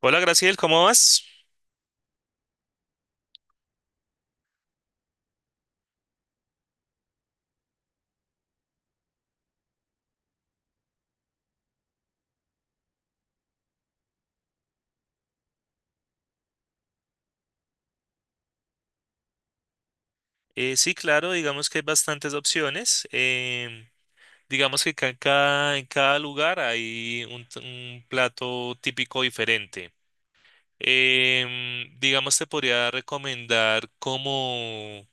Hola Graciel, ¿cómo vas? Sí, claro, digamos que hay bastantes opciones. Digamos que en cada lugar hay un plato típico diferente. Digamos, te podría recomendar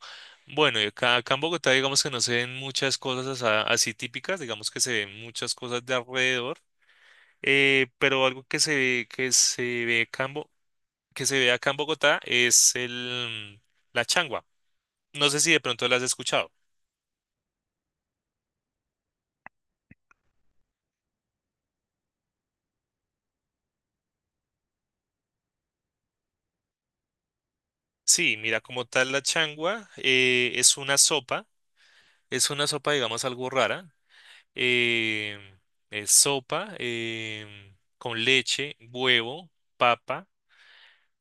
bueno, y acá en Bogotá digamos que no se ven muchas cosas así típicas, digamos que se ven muchas cosas de alrededor, pero algo que se ve, que se ve acá en Bogotá es la changua. No sé si de pronto la has escuchado. Sí, mira, como tal la changua es una sopa, digamos, algo rara. eh, es sopa con leche, huevo, papa,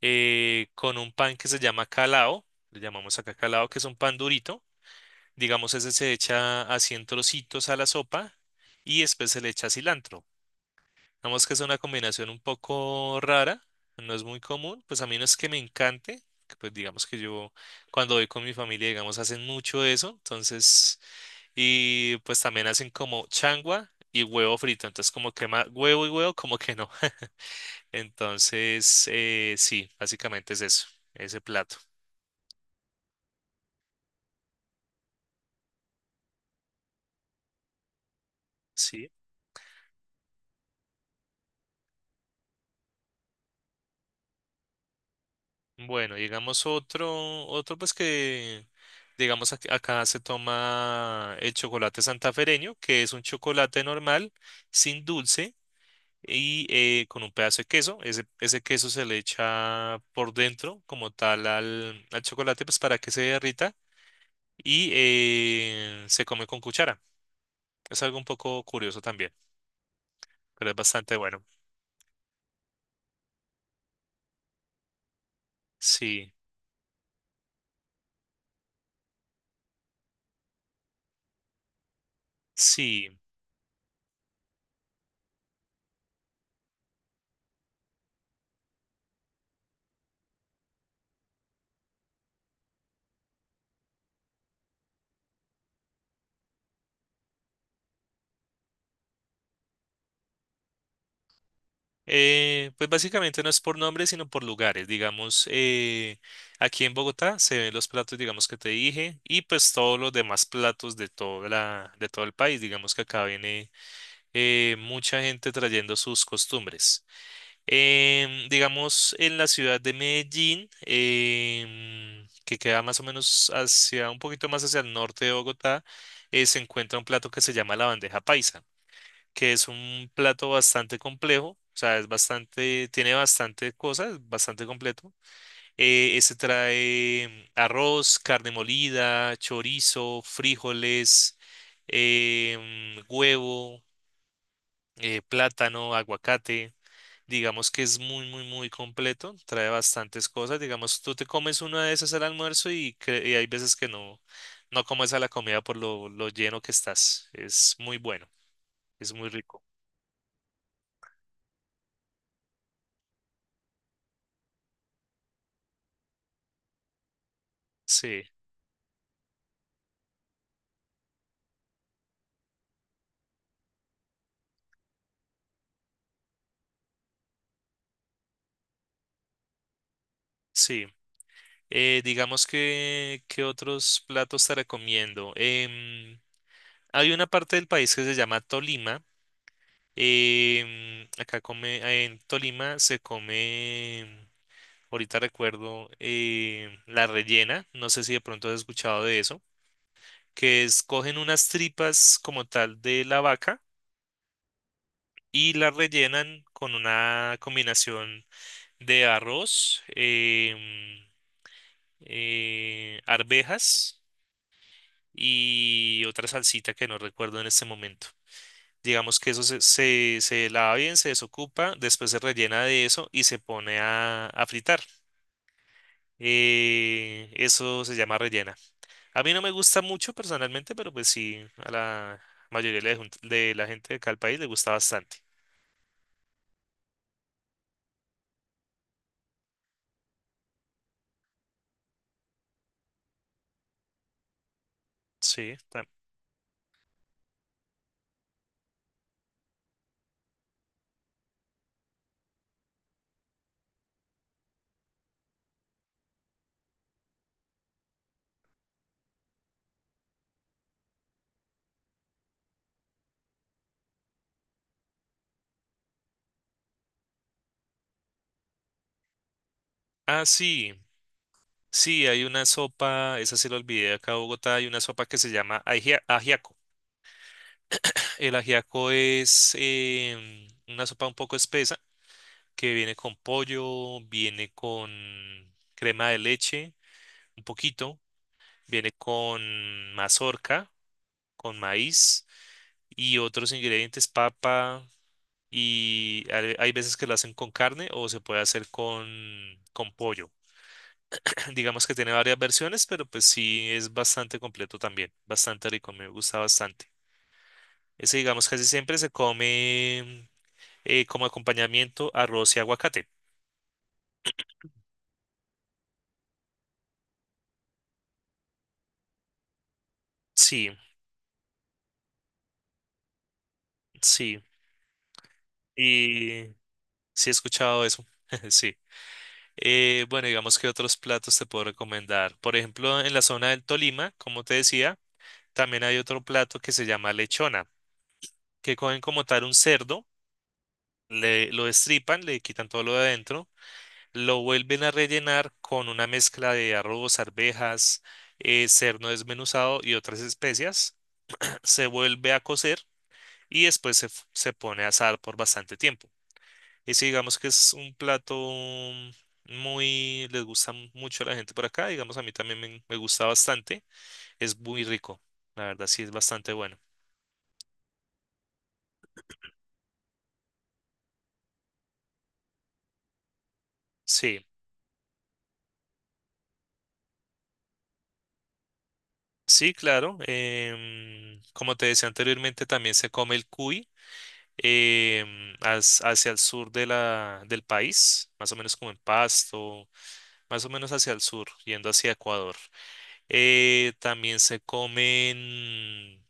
con un pan que se llama calao, le llamamos acá calao, que es un pan durito. Digamos, ese se echa así en trocitos a la sopa y después se le echa cilantro. Digamos que es una combinación un poco rara, no es muy común, pues a mí no es que me encante, que pues digamos que yo cuando voy con mi familia, digamos, hacen mucho eso, entonces, y pues también hacen como changua y huevo frito, entonces como que huevo y huevo, como que no. Entonces, sí, básicamente es eso, ese plato, ¿sí? Bueno, digamos otro, otro pues que... Digamos, acá se toma el chocolate santafereño, que es un chocolate normal, sin dulce y con un pedazo de queso. Ese queso se le echa por dentro como tal al chocolate, pues para que se derrita y se come con cuchara. Es algo un poco curioso también, pero es bastante bueno. Sí, sí. Pues básicamente no es por nombres, sino por lugares. Digamos, aquí en Bogotá se ven los platos, digamos, que te dije, y pues todos los demás platos de toda la, de todo el país. Digamos que acá viene mucha gente trayendo sus costumbres. Digamos, en la ciudad de Medellín, que queda más o menos hacia, un poquito más hacia el norte de Bogotá, se encuentra un plato que se llama la bandeja paisa, que es un plato bastante complejo, o sea, es bastante, tiene bastante cosas, bastante completo. Ese trae arroz, carne molida, chorizo, frijoles, huevo, plátano, aguacate. Digamos que es muy, muy, muy completo, trae bastantes cosas. Digamos, tú te comes una de esas al almuerzo y, y hay veces que no, no comes a la comida por lo lleno que estás. Es muy bueno, es muy rico. Sí, sí. Digamos que, ¿qué otros platos te recomiendo? Hay una parte del país que se llama Tolima. Acá come, en Tolima se come, ahorita recuerdo, la rellena. No sé si de pronto has escuchado de eso, que es cogen unas tripas como tal de la vaca y la rellenan con una combinación de arroz, arvejas y otra salsita que no recuerdo en este momento. Digamos que eso se lava bien, se desocupa, después se rellena de eso y se pone a fritar. Eso se llama rellena. A mí no me gusta mucho personalmente, pero pues sí, a la mayoría de la, de la gente de acá del país le gusta bastante. Sí. Ah, sí. Sí, hay una sopa, esa sí la olvidé acá en Bogotá, hay una sopa que se llama ajiaco. El ajiaco es una sopa un poco espesa que viene con pollo, viene con crema de leche, un poquito, viene con mazorca, con maíz y otros ingredientes, papa, y hay veces que lo hacen con carne o se puede hacer con pollo. Digamos que tiene varias versiones, pero pues sí es bastante completo también, bastante rico, me gusta bastante. Ese digamos casi siempre se come como acompañamiento arroz y aguacate. Sí, sí. y Sí, he escuchado eso. Sí. Bueno, digamos que otros platos te puedo recomendar. Por ejemplo, en la zona del Tolima, como te decía, también hay otro plato que se llama lechona, que cogen como tal un cerdo, lo destripan, le quitan todo lo de adentro, lo vuelven a rellenar con una mezcla de arroz, arvejas, cerdo desmenuzado y otras especias. Se vuelve a cocer y después se pone a asar por bastante tiempo. Y si digamos que es un plato muy, les gusta mucho a la gente por acá, digamos a mí también me gusta bastante, es muy rico, la verdad sí es bastante bueno. Sí, sí, claro, como te decía anteriormente, también se come el cuy hacia el sur de la, del país, más o menos como en Pasto, más o menos hacia el sur, yendo hacia Ecuador. También se comen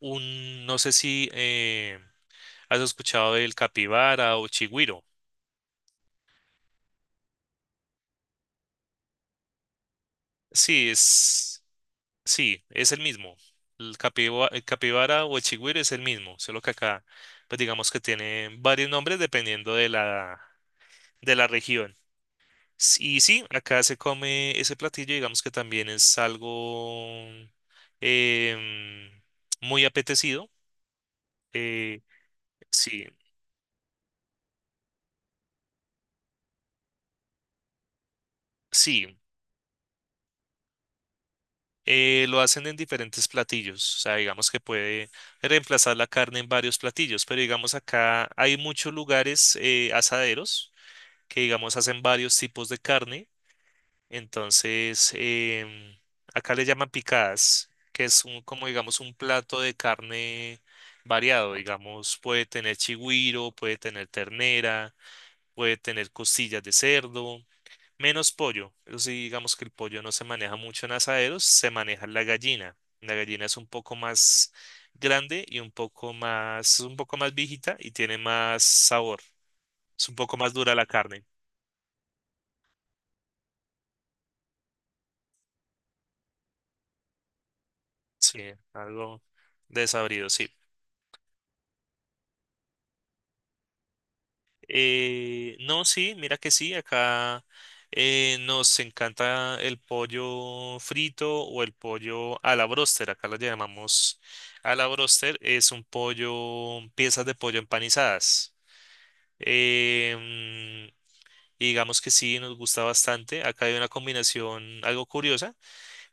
un, no sé si... ¿Has escuchado del capibara o chigüiro? Sí, es, sí, es el mismo. El el capibara o el chigüiro es el mismo, solo que acá, pues digamos que tiene varios nombres dependiendo de la región. Y sí, acá se come ese platillo, digamos que también es algo em, muy apetecido. Eh, sí, sí, lo hacen en diferentes platillos, o sea, digamos que puede reemplazar la carne en varios platillos, pero digamos acá hay muchos lugares asaderos que digamos hacen varios tipos de carne, entonces em, acá le llaman picadas, que es un, como digamos un plato de carne variado, digamos, puede tener chigüiro, puede tener ternera, puede tener costillas de cerdo. Menos pollo. Eso sí, digamos que el pollo no se maneja mucho en asaderos, se maneja la gallina. La gallina es un poco más grande y un poco más viejita y tiene más sabor. Es un poco más dura la carne. Sí, algo desabrido, sí. No, sí, mira que sí, acá nos encanta el pollo frito o el pollo a la bróster. Acá lo llamamos a la bróster, es un pollo, piezas de pollo empanizadas. Em, y digamos que sí, nos gusta bastante. Acá hay una combinación algo curiosa,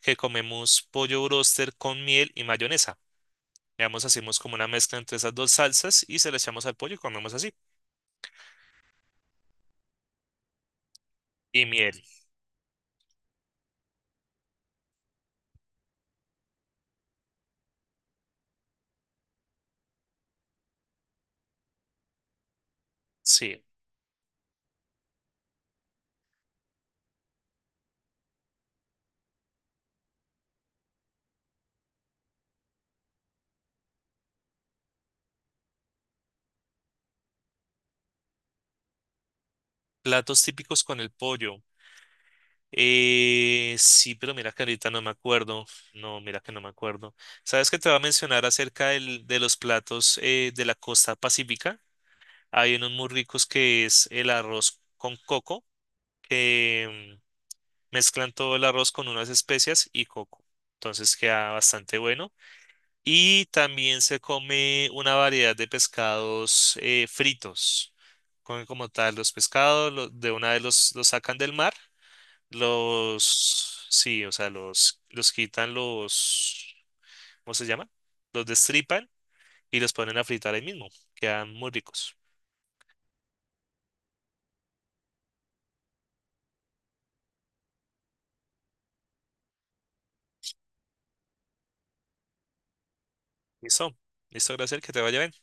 que comemos pollo broster con miel y mayonesa. Digamos, hacemos como una mezcla entre esas dos salsas y se la echamos al pollo y comemos así. Y miel, sí. Platos típicos con el pollo. Sí, pero mira que ahorita no me acuerdo. No, mira que no me acuerdo. ¿Sabes que te va a mencionar acerca de los platos de la costa pacífica? Hay unos muy ricos que es el arroz con coco, que mezclan todo el arroz con unas especias y coco. Entonces queda bastante bueno. Y también se come una variedad de pescados fritos. Comen como tal los pescados, de una vez los sacan del mar, sí, o sea, los quitan, ¿cómo se llama? Los destripan y los ponen a fritar ahí mismo. Quedan muy ricos. Listo, listo, gracias, que te vaya bien.